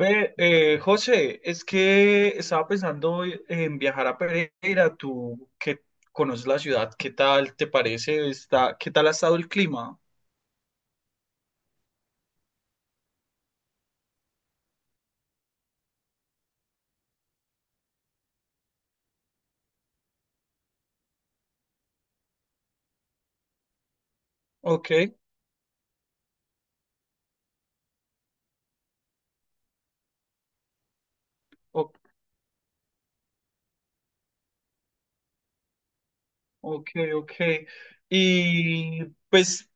Ve, José, es que estaba pensando en viajar a Pereira, tú que conoces la ciudad, ¿qué tal te parece? Está, ¿qué tal ha estado el clima? Ok, ok. Ok, ok. Y pues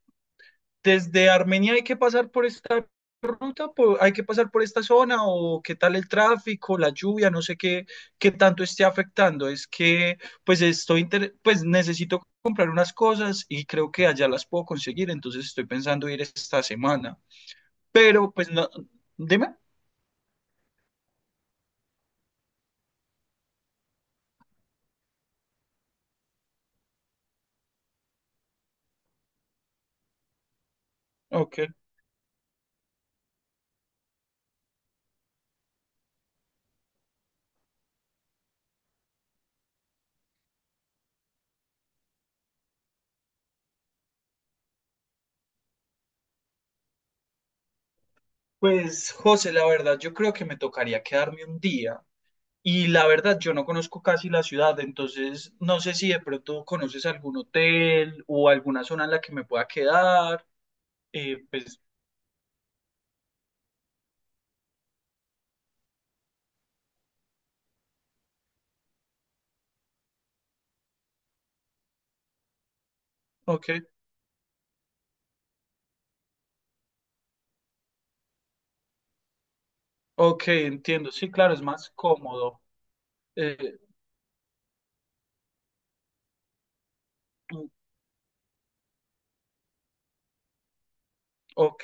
desde Armenia hay que pasar por esta ruta, hay que pasar por esta zona o qué tal el tráfico, la lluvia, no sé qué, qué tanto esté afectando. Es que pues pues necesito comprar unas cosas y creo que allá las puedo conseguir, entonces estoy pensando ir esta semana. Pero pues no, dime. Ok. Pues José, la verdad, yo creo que me tocaría quedarme un día. Y la verdad, yo no conozco casi la ciudad, entonces no sé si de pronto conoces algún hotel o alguna zona en la que me pueda quedar. Eh, pues, ok, ok, entiendo. Sí, claro, es más cómodo. Eh, ok,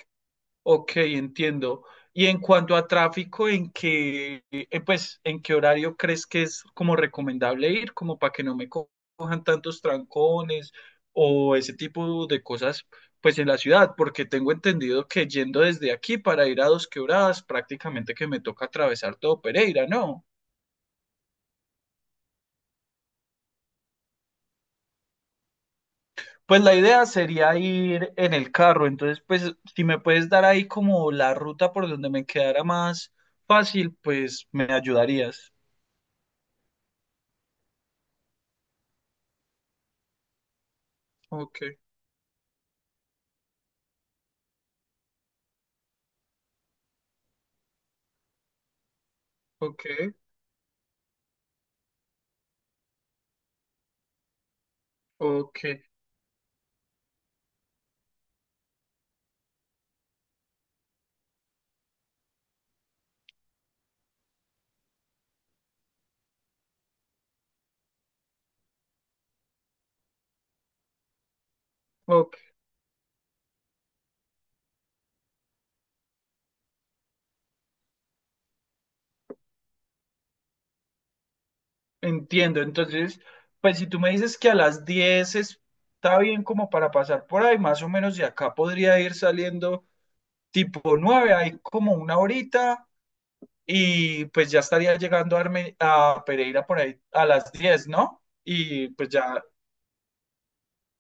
ok, entiendo. Y en cuanto a tráfico, ¿en qué, pues, en qué horario crees que es como recomendable ir, como para que no me co- cojan tantos trancones o ese tipo de cosas, pues, en la ciudad? Porque tengo entendido que yendo desde aquí para ir a Dos Quebradas, prácticamente que me toca atravesar todo Pereira, ¿no? Pues la idea sería ir en el carro, entonces, pues, si me puedes dar ahí como la ruta por donde me quedara más fácil, pues, me ayudarías. Ok. Ok, ok, ok, entiendo. Entonces, pues si tú me dices que a las 10 está bien como para pasar por ahí, más o menos de acá podría ir saliendo tipo 9, hay como una horita y pues ya estaría llegando a Pereira por ahí a las 10, ¿no? Y pues ya,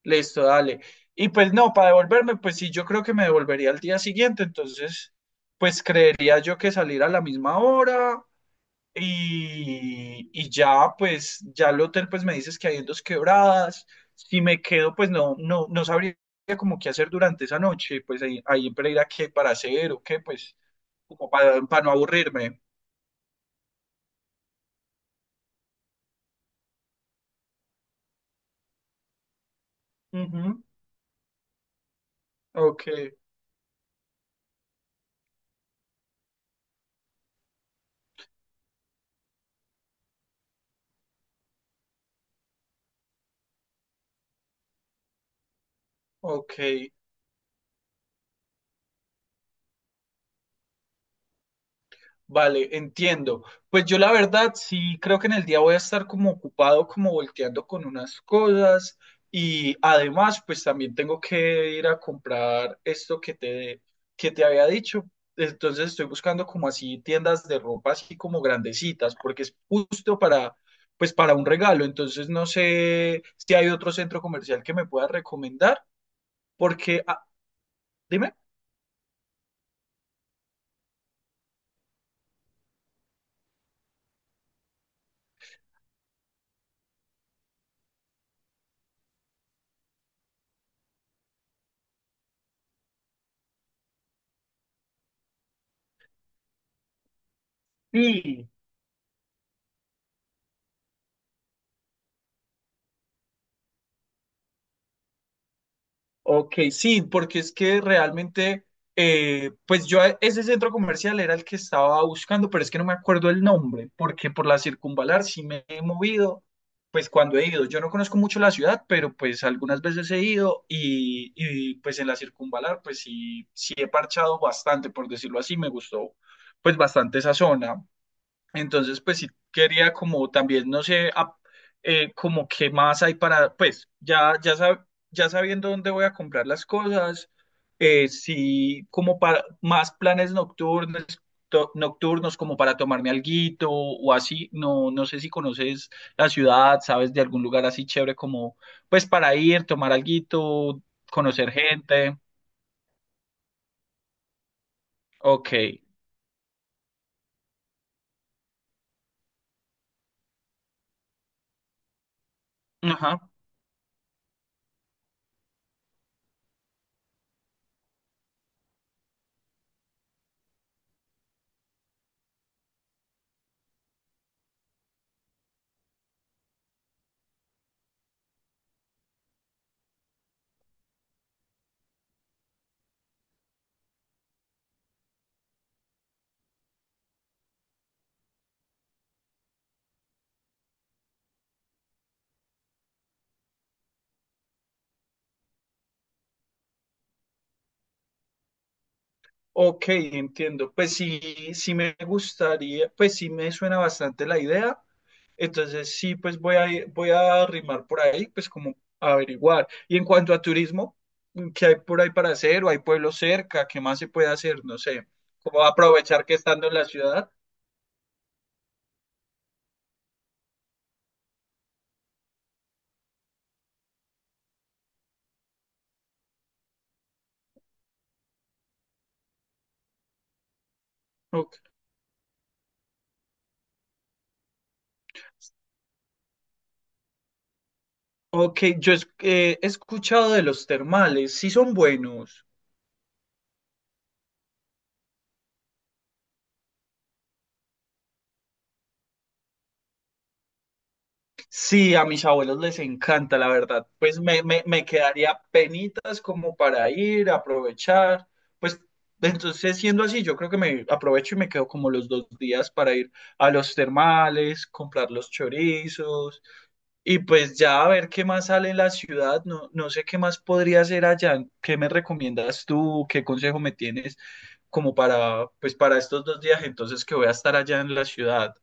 listo, dale. Y pues no, para devolverme, pues sí, yo creo que me devolvería al día siguiente, entonces, pues creería yo que salir a la misma hora. Y ya, pues, ya el hotel, pues me dices que hay en dos quebradas. Si me quedo, pues no sabría como qué hacer durante esa noche. Pues ahí en Pereira, qué para hacer o qué, pues, como para no aburrirme. Ujú. Ok, ok. Vale, entiendo. Pues yo la verdad sí creo que en el día voy a estar como ocupado, como volteando con unas cosas y además pues también tengo que ir a comprar que te había dicho. Entonces estoy buscando como así tiendas de ropa así como grandecitas porque es justo para pues para un regalo. Entonces no sé si hay otro centro comercial que me pueda recomendar porque, ah, dime. Sí. Ok, sí, porque es que realmente, pues ese centro comercial era el que estaba buscando, pero es que no me acuerdo el nombre, porque por la circunvalar sí me he movido, pues cuando he ido, yo no conozco mucho la ciudad, pero pues algunas veces he ido pues en la circunvalar pues sí, sí he parchado bastante, por decirlo así, me gustó pues bastante esa zona. Entonces, pues sí quería como también, no sé, como qué más hay para, pues ya sabiendo dónde voy a comprar las cosas, sí como para más planes nocturnos, nocturnos como para tomarme alguito o así, no sé si conoces la ciudad, sabes de algún lugar así chévere como, pues para ir, tomar alguito, conocer gente, ok, ajá. Ok, entiendo. Pues sí, sí me gustaría, pues sí me suena bastante la idea. Entonces sí, pues voy a arrimar por ahí, pues como averiguar. Y en cuanto a turismo, ¿qué hay por ahí para hacer? ¿O hay pueblos cerca? ¿Qué más se puede hacer? No sé, ¿cómo aprovechar que estando en la ciudad? Ok, ok, he escuchado de los termales, sí son buenos. Sí, a mis abuelos les encanta, la verdad. Pues me quedaría penitas como para ir, aprovechar. Pues entonces, siendo así, yo creo que me aprovecho y me quedo como los 2 días para ir a los termales, comprar los chorizos y pues ya a ver qué más sale en la ciudad. No, no sé qué más podría hacer allá. ¿Qué me recomiendas tú? ¿Qué consejo me tienes como para, pues para estos 2 días entonces que voy a estar allá en la ciudad?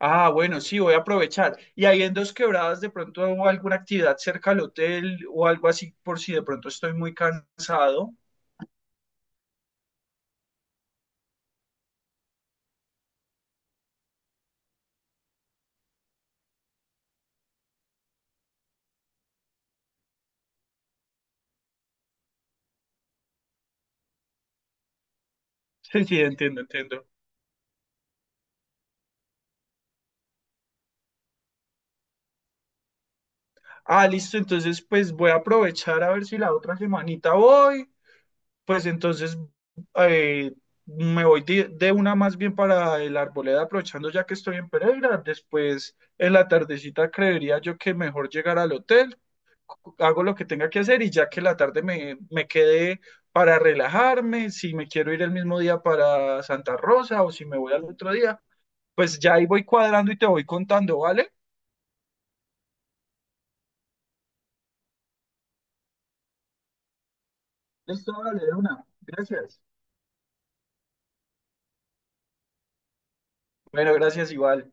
Ah, bueno, sí, voy a aprovechar. Y ahí en Dos Quebradas, de pronto hago alguna actividad cerca al hotel o algo así, por si de pronto estoy muy cansado. Sí, sí, entiendo, entiendo. Ah, listo, entonces pues voy a aprovechar a ver si la otra semanita voy. Pues entonces eh, me voy de una más bien para el Arboleda, aprovechando ya que estoy en Pereira. Después en la tardecita creería yo que mejor llegar al hotel. Hago lo que tenga que hacer y ya que la tarde me quede para relajarme, si me quiero ir el mismo día para Santa Rosa o si me voy al otro día, pues ya ahí voy cuadrando y te voy contando, ¿vale? Listo, vale, de una. Gracias. Bueno, gracias igual.